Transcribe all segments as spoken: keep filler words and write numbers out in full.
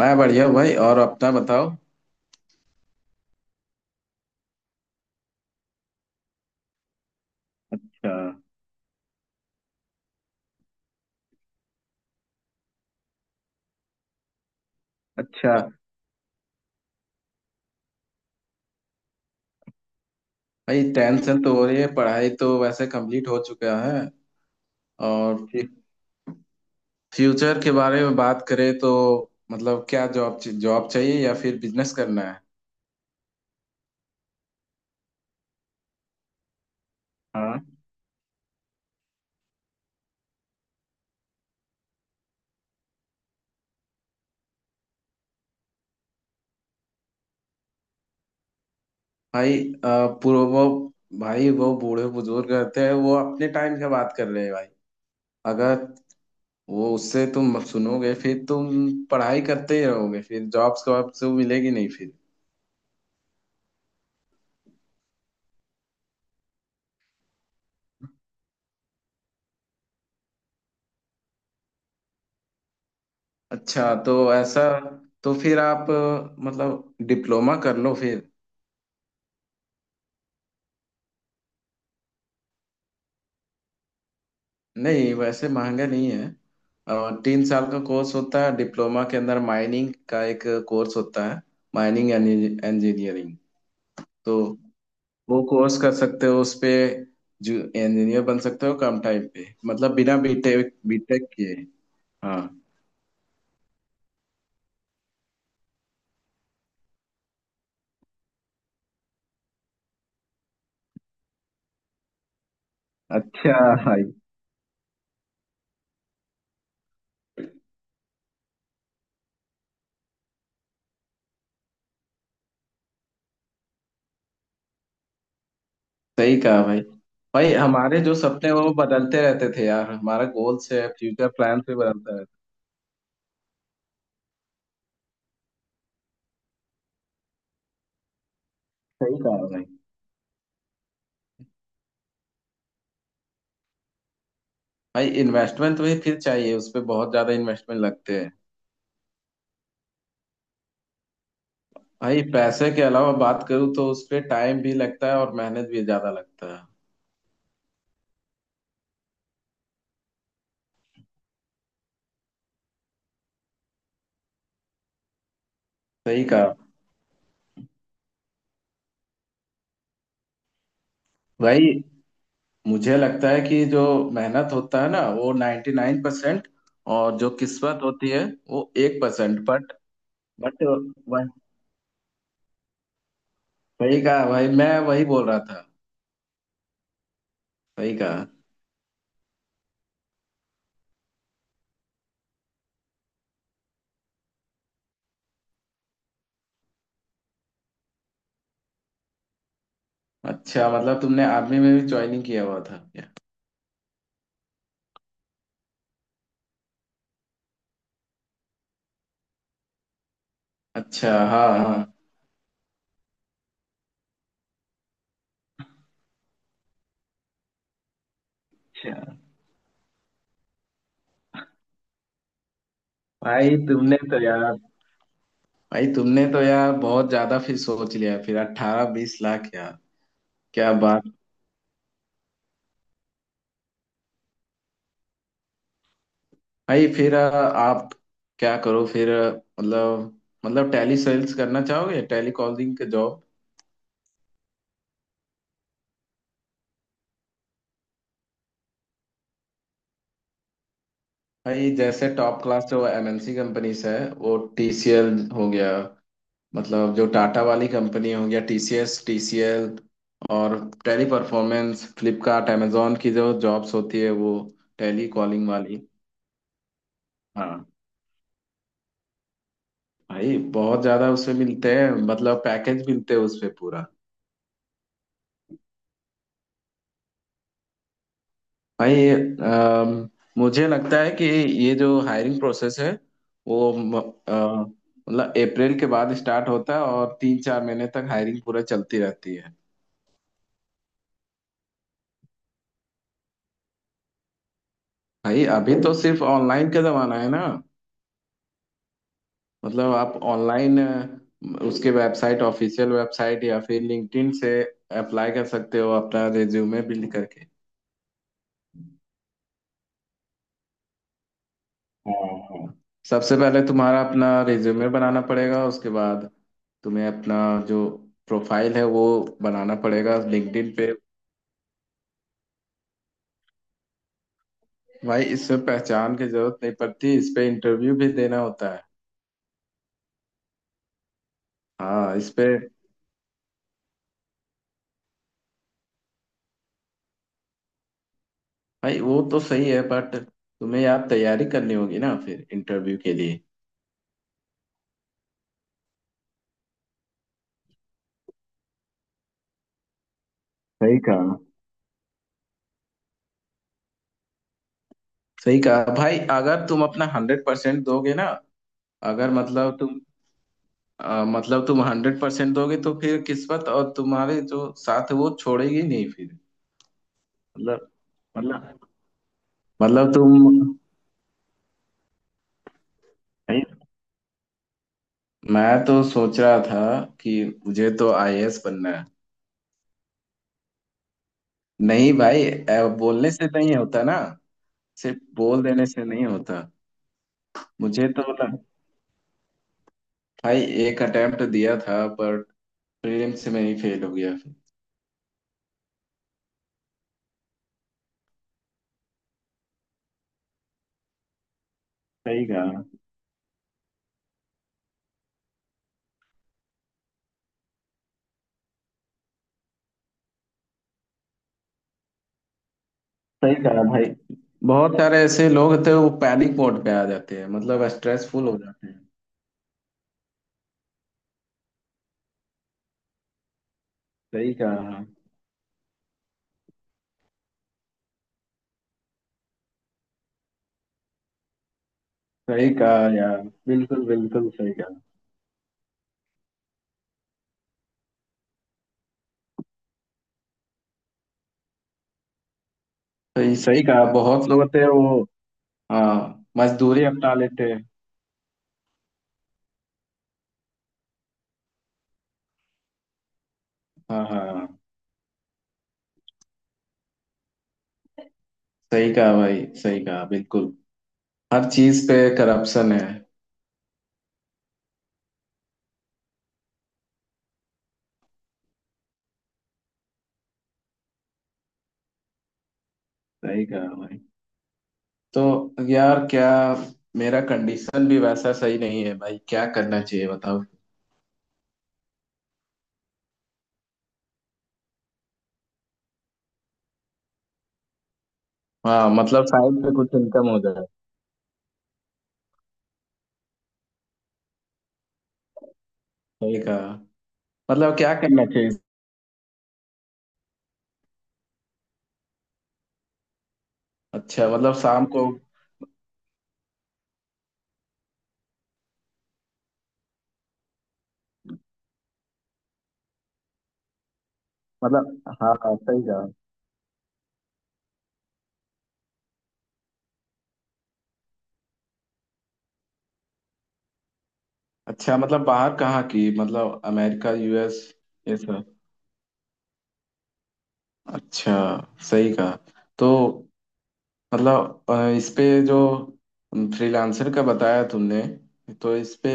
मैं बढ़िया हूँ भाई। और अपना बताओ। अच्छा। अच्छा। भाई, टेंशन तो हो रही है। पढ़ाई तो वैसे कंप्लीट हो चुका है। और ठीक। फ्यूचर के बारे में बात करें तो मतलब क्या जॉब जॉब चाहिए या फिर बिजनेस करना है? हाँ। भाई, अ, पूर्व वो भाई, वो बूढ़े बुजुर्ग रहते हैं, वो अपने टाइम की बात कर रहे हैं भाई। अगर वो उससे तुम सुनोगे फिर तुम पढ़ाई करते ही रहोगे, फिर जॉब्स वॉब्स तो मिलेगी नहीं फिर। अच्छा तो ऐसा। तो फिर आप अ, मतलब डिप्लोमा कर लो फिर। नहीं, वैसे महंगा नहीं है। अ, तीन साल का कोर्स होता है डिप्लोमा के अंदर। माइनिंग का एक कोर्स होता है, माइनिंग इंजीनियरिंग। तो वो कोर्स कर सकते हो उस पे। जो इंजीनियर बन सकते हो कम टाइम पे, मतलब बिना बीटेक बीटेक किए। हाँ। अच्छा। भाई सही कहा भाई। भाई, हमारे जो सपने वो बदलते रहते थे यार। हमारा गोल्स है, फ्यूचर प्लान भी बदलता रहता। सही कहा भाई। भाई, इन्वेस्टमेंट तो भाई फिर चाहिए। उस पे बहुत ज्यादा इन्वेस्टमेंट लगते हैं। भाई, पैसे के अलावा बात करूँ तो उस पे टाइम भी लगता है और मेहनत भी ज्यादा लगता है। सही कहा भाई। मुझे लगता है कि जो मेहनत होता है ना वो नाइन्टी नाइन परसेंट। और जो किस्मत होती है, वो एक परसेंट। बट बट सही कहा भाई, मैं वही बोल रहा था। सही कहा। अच्छा, मतलब तुमने आर्मी में भी ज्वाइनिंग किया हुआ था क्या? अच्छा हाँ हाँ। अच्छा। भाई तुमने तो यार भाई तुमने तो यार, बहुत ज्यादा फिर सोच लिया फिर, अट्ठारह बीस लाख यार। क्या बात। भाई फिर अ, आप क्या करो फिर। अ, मतलब मतलब टैली सेल्स करना चाहोगे? टैली कॉलिंग का जॉब। भाई जैसे टॉप क्लास जो एम एन सी कंपनीज है, वो टी सी एल हो गया। मतलब जो टाटा वाली कंपनी हो गया, T C S T C L. और टैली परफॉर्मेंस, फ्लिपकार्ट, amazon की जो जॉब्स होती है, वो टैली कॉलिंग वाली। हाँ। भाई बहुत ज्यादा उसमें मिलते हैं, मतलब पैकेज मिलते हैं उसमें पूरा। भाई अम, मुझे लगता है कि ये जो हायरिंग प्रोसेस है वो म- अ, मतलब अप्रैल के बाद स्टार्ट होता है, और तीन चार महीने तक हायरिंग पूरा चलती रहती है। भाई अभी तो सिर्फ ऑनलाइन का जमाना है ना। मतलब आप ऑनलाइन उसके वेबसाइट ऑफिशियल वेबसाइट या फिर लिंक्डइन से अप्लाई कर सकते हो अपना रिज्यूमे बिल्ड करके। हाँ हाँ। सबसे पहले तुम्हारा अपना रिज्यूमे बनाना पड़ेगा। उसके बाद तुम्हें अपना जो प्रोफाइल है वो बनाना पड़ेगा लिंक्डइन पे। भाई इसमें पहचान की जरूरत नहीं पड़ती। इस पे इंटरव्यू भी देना होता है। हाँ इस पे। भाई वो तो सही है, बट तुम्हें यार तैयारी करनी होगी ना फिर इंटरव्यू के लिए। सही कहा। सही कहा भाई। अगर तुम अपना हंड्रेड परसेंट दोगे ना, अगर मतलब तुम अ, मतलब तुम हंड्रेड परसेंट दोगे तो फिर किस्मत और तुम्हारे जो साथ है वो छोड़ेगी नहीं फिर। मतलब। मतलब मतलब तुम नहीं। मैं तो सोच रहा था कि मुझे तो आई ए एस बनना है। नहीं भाई, ए, बोलने से नहीं होता ना। सिर्फ बोल देने से नहीं होता। मुझे तो ना भाई, एक अटेम्प्ट दिया था पर प्रीलिम्स में ही फेल हो गया। सही कहा। सही कहा भाई। बहुत सारे ऐसे लोग होते हैं वो पैनिक मोड पे आ जाते हैं, मतलब स्ट्रेसफुल हो जाते हैं। सही कहा। सही कहा यार। बिल्कुल बिल्कुल सही कहा। सही सही कहा। बहुत लोग होते हैं वो। हाँ, मजदूरी अपना लेते हैं। हाँ हाँ हाँ। सही कहा भाई, सही कहा बिल्कुल। हर चीज पे करप्शन है। सही कहा भाई। तो यार क्या, मेरा कंडीशन भी वैसा सही नहीं है भाई, क्या करना चाहिए बताओ। हाँ, मतलब साइड पे कुछ इनकम हो जाए। सही कहा। मतलब क्या करना चाहिए। अच्छा, मतलब शाम को। मतलब हाँ हाँ, सही कहा। अच्छा, मतलब बाहर कहाँ की? मतलब अमेरिका, यू एस, ये सब। अच्छा। सही कहा। तो मतलब अ, इस पे जो फ्रीलांसर का बताया तुमने, तो इस पे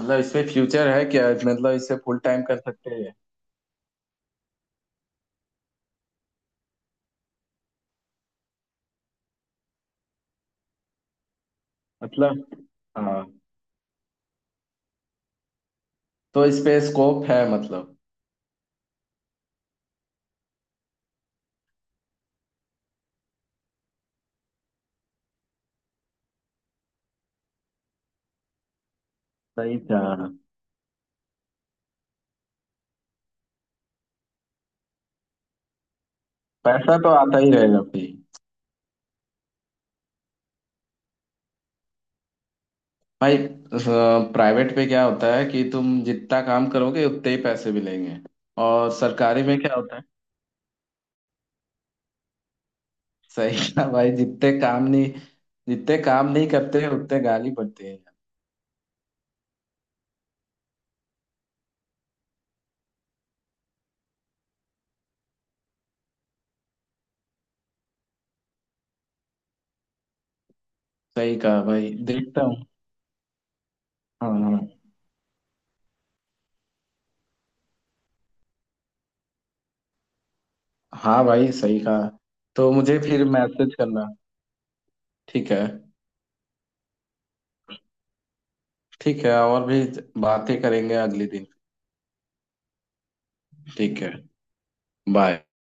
मतलब इस पे फ्यूचर है क्या? मतलब इसे फुल टाइम कर सकते हैं? मतलब हाँ। तो इस पे स्कोप है मतलब। सही था। पैसा तो आता ही रहेगा भाई। भाई प्राइवेट पे क्या होता है कि तुम जितना काम करोगे उतने ही पैसे मिलेंगे। और सरकारी में क्या होता है। सही कहा भाई, जितने काम नहीं जितने काम नहीं करते उतने गाली पड़ती है। सही कहा भाई, देखता हूँ। हाँ हाँ। हाँ भाई सही कहा। तो मुझे फिर मैसेज करना, ठीक है। ठीक है, और भी बातें करेंगे अगले दिन। ठीक है। बाय।